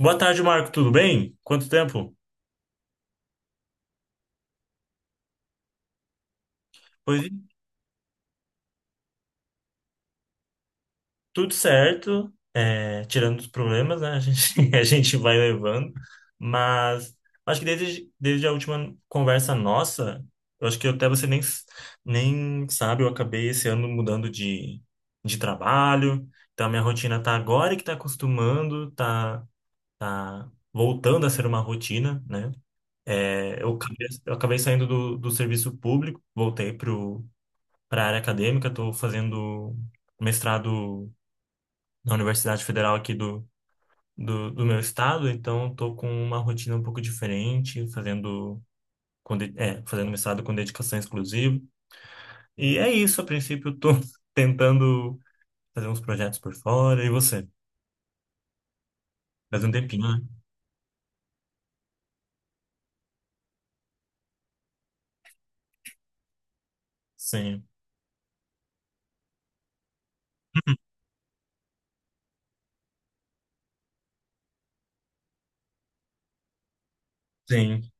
Boa tarde, Marco. Tudo bem? Quanto tempo? Pois é, tudo certo, é, tirando os problemas, né? A gente, a gente vai levando, mas acho que desde a última conversa nossa, eu acho que até você nem, nem sabe, eu acabei esse ano mudando de trabalho, então a minha rotina tá agora que tá acostumando, tá voltando a ser uma rotina, né? É, eu acabei saindo do serviço público, voltei para a área acadêmica, estou fazendo mestrado na Universidade Federal aqui do meu estado, então estou com uma rotina um pouco diferente, fazendo mestrado com dedicação exclusiva. E é isso, a princípio estou tentando fazer uns projetos por fora. E você? Faz um tempinho, né? Sim, sim,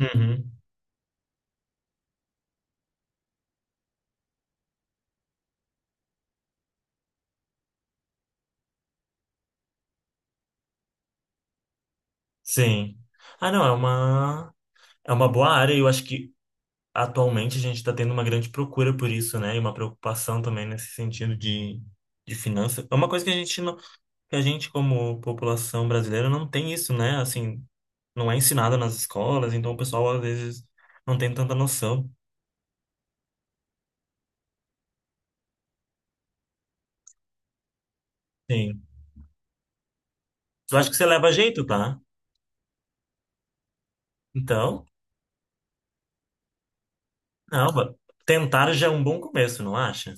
uhum, sim. Ah, não, é uma boa área, eu acho que atualmente a gente está tendo uma grande procura por isso, né? E uma preocupação também nesse sentido de finança. É uma coisa que a gente não, que a gente como população brasileira não tem isso, né? Assim, não é ensinada nas escolas, então o pessoal às vezes não tem tanta noção. Sim. Eu acho que você leva jeito, tá? Então, não, tentar já é um bom começo, não acha?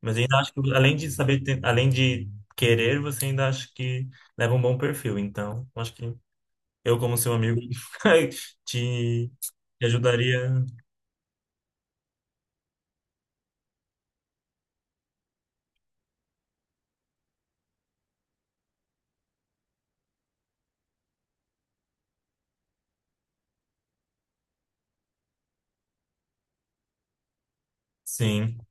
Mas ainda acho que além de saber, além de querer, você ainda acha que leva um bom perfil. Então, eu acho que eu, como seu amigo, te, te ajudaria. Sim.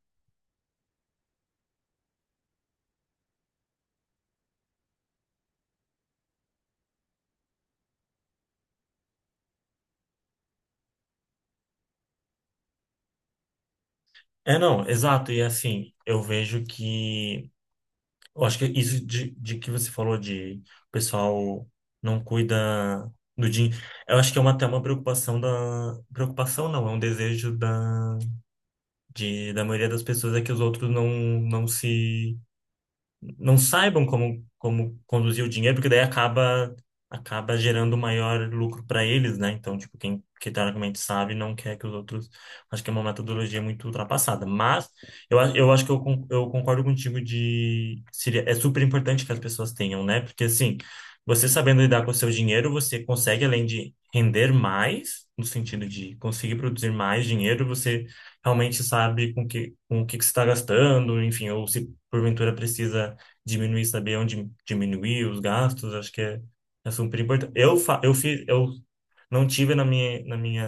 É, não, exato. E assim, eu vejo que. Eu acho que isso de que você falou de o pessoal não cuida do dinheiro. Eu acho que é uma, até uma preocupação da. Preocupação não, é um desejo da maioria das pessoas é que os outros não, não se não saibam como conduzir o dinheiro, porque daí acaba gerando maior lucro para eles, né? Então, tipo, quem, que teoricamente sabe não quer que os outros. Acho que é uma metodologia muito ultrapassada. Mas eu acho que eu concordo contigo de. Seria, é super importante que as pessoas tenham, né? Porque assim, você sabendo lidar com o seu dinheiro, você consegue, além de render mais, no sentido de conseguir produzir mais dinheiro, você realmente sabe com que, com o que, que você está gastando, enfim, ou se porventura precisa diminuir, saber onde diminuir os gastos, acho que é super importante. Eu fiz, eu não tive na minha,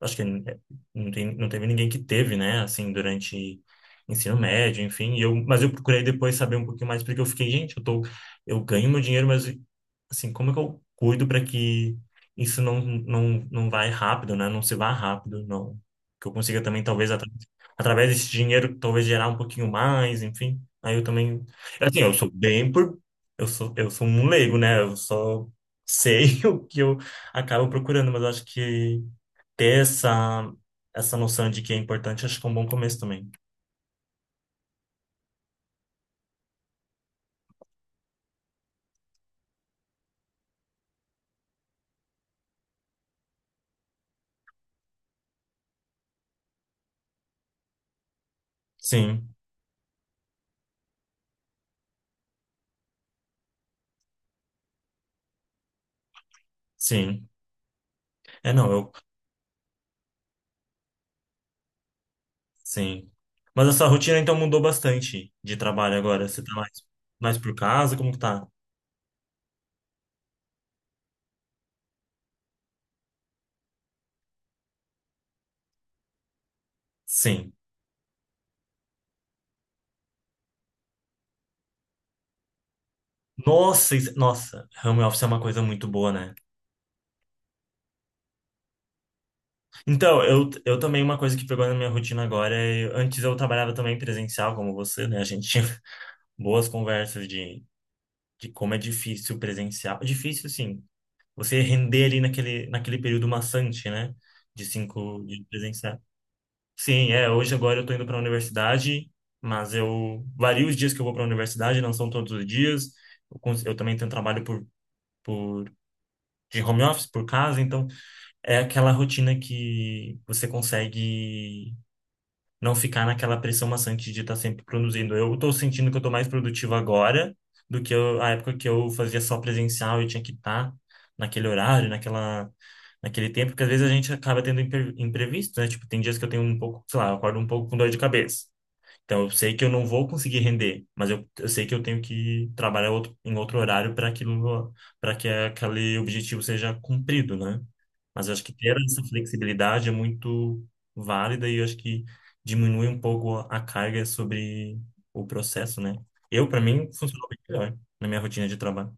acho que não tem, não teve ninguém que teve, né, assim, durante ensino médio, enfim. E eu, mas eu procurei depois saber um pouquinho mais, porque eu fiquei, gente, eu tô, eu ganho meu dinheiro, mas, assim, como é que eu cuido para que isso não, não, não vai rápido, né, não se vá rápido, não. Que eu consiga também, talvez, através desse dinheiro, talvez gerar um pouquinho mais, enfim. Aí eu também, é assim, eu sou bem por, eu sou um leigo, né, eu só sei o que eu acabo procurando, mas eu acho que ter essa, noção de que é importante, acho que é um bom começo também. Sim, sim. É, não, eu, sim. Mas essa rotina então mudou bastante de trabalho agora. Você tá mais por casa? Como que tá? Sim. Nossa, home office é uma coisa muito boa, né? Então, eu também, uma coisa que pegou na minha rotina agora é. Antes eu trabalhava também presencial, como você, né? A gente tinha boas conversas de como é difícil presencial. Difícil, sim. Você render ali naquele período maçante, né? De cinco de presencial. Sim, é. Hoje, agora, eu tô indo para a universidade, mas eu vario os dias que eu vou para a universidade, não são todos os dias. Eu também tenho trabalho por, de home office, por casa, então é aquela rotina que você consegue não ficar naquela pressão maçante de estar sempre produzindo. Eu estou sentindo que eu estou mais produtivo agora do que eu, a época que eu fazia só presencial e tinha que estar naquele horário, naquele tempo, porque às vezes a gente acaba tendo imprevisto, né? Tipo, tem dias que eu tenho um pouco, sei lá, eu acordo um pouco com dor de cabeça. Então eu sei que eu não vou conseguir render, mas eu sei que eu tenho que trabalhar outro, em outro horário para aquilo, para que aquele objetivo seja cumprido, né? Mas eu acho que ter essa flexibilidade é muito válida e eu acho que diminui um pouco a carga sobre o processo, né? Eu, para mim, funcionou bem melhor na minha rotina de trabalho.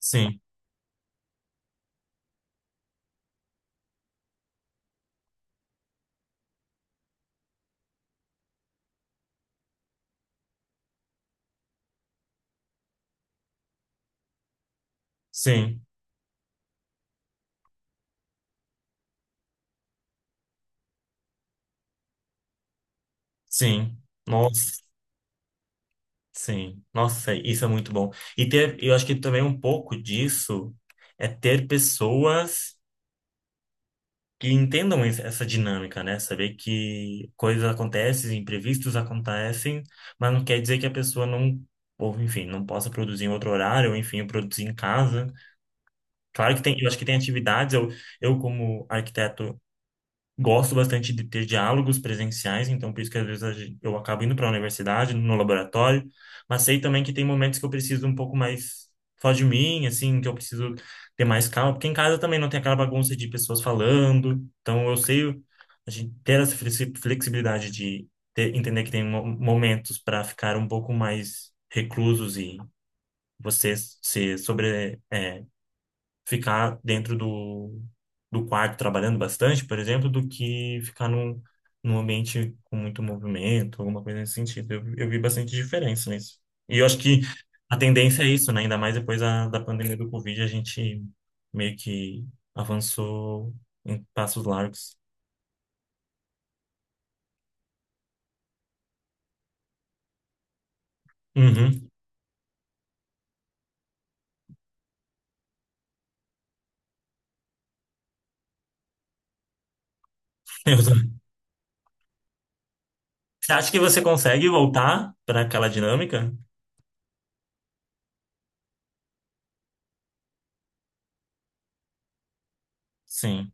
Sim, sim, sim. Nossa, sim. Nossa, isso é muito bom. E ter, eu acho que também um pouco disso é ter pessoas que entendam essa dinâmica, né? Saber que coisas acontecem, imprevistos acontecem, mas não quer dizer que a pessoa não, ou enfim, não possa produzir em outro horário, ou enfim, produzir em casa. Claro que tem, eu acho que tem atividades, eu como arquiteto gosto bastante de ter diálogos presenciais, então por isso que às vezes a eu acabo indo para a universidade, no laboratório, mas sei também que tem momentos que eu preciso um pouco mais só de mim, assim, que eu preciso ter mais calma, porque em casa também não tem aquela bagunça de pessoas falando, então eu sei a gente ter essa flexibilidade de entender que tem momentos para ficar um pouco mais reclusos e você se sobre, é, ficar dentro do quarto trabalhando bastante, por exemplo, do que ficar num ambiente com muito movimento, alguma coisa nesse sentido. Eu vi bastante diferença nisso. E eu acho que a tendência é isso, né? Ainda mais depois da pandemia do Covid, a gente meio que avançou em passos largos. Uhum. Também. Você acha que você consegue voltar para aquela dinâmica? Sim,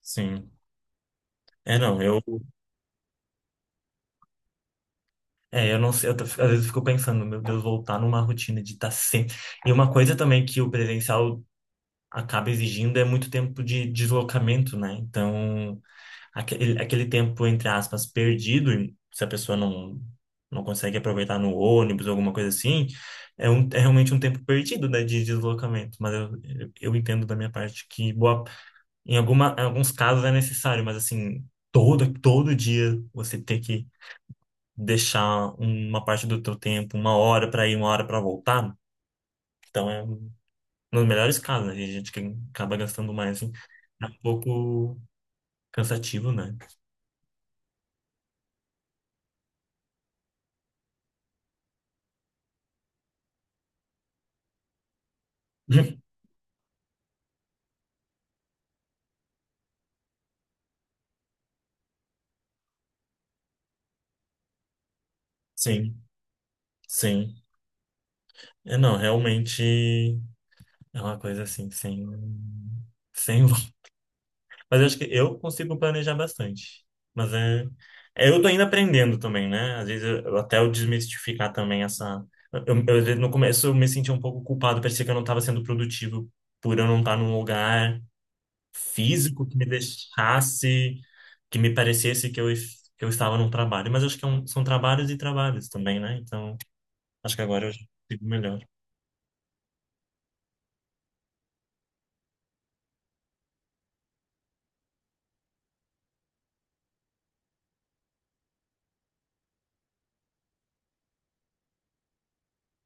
sim. É, não, eu não sei, às vezes eu fico pensando, meu Deus, voltar numa rotina de estar sempre. E uma coisa também que o presencial acaba exigindo é muito tempo de deslocamento, né? Então, aquele tempo, entre aspas, perdido, e se a pessoa não, não consegue aproveitar no ônibus, ou alguma coisa assim, é realmente um tempo perdido, né, de deslocamento. Mas eu entendo da minha parte que boa, em alguma, em alguns casos é necessário, mas assim, todo dia você ter que deixar uma parte do teu tempo, uma hora para ir, uma hora para voltar. Então é nos melhores casos, né? A gente que acaba gastando mais, assim. É um pouco cansativo, né? Sim, sim. É, não, realmente é uma coisa assim, sem Mas eu acho que eu consigo planejar bastante. Mas é, é, eu tô ainda aprendendo também, né? Às vezes eu até eu desmistificar também essa. Eu, às vezes, no começo eu me senti um pouco culpado, parecia que eu não estava sendo produtivo por eu não estar num lugar físico que me deixasse, que me parecesse que eu estava num trabalho. Mas eu acho que é são trabalhos e trabalhos também, né? Então, acho que agora eu já consigo melhor.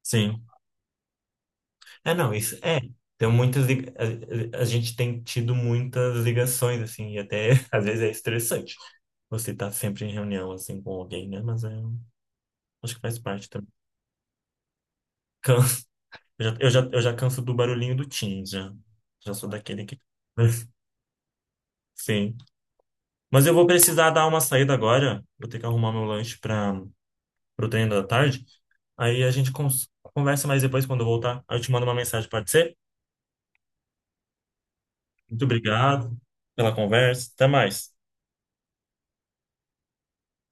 Sim. É, não, isso é. Tem muitas. A gente tem tido muitas ligações, assim, e até às vezes é estressante. Você tá sempre em reunião, assim, com alguém, né? Mas é, acho que faz parte também. Canso. Eu já canso do barulhinho do Teams, já. Já sou daquele que. Sim. Mas eu vou precisar dar uma saída agora. Vou ter que arrumar meu lanche para o treino da tarde. Aí a gente conversa mais depois quando eu voltar. Aí eu te mando uma mensagem, pode ser? Muito obrigado pela conversa. Até mais.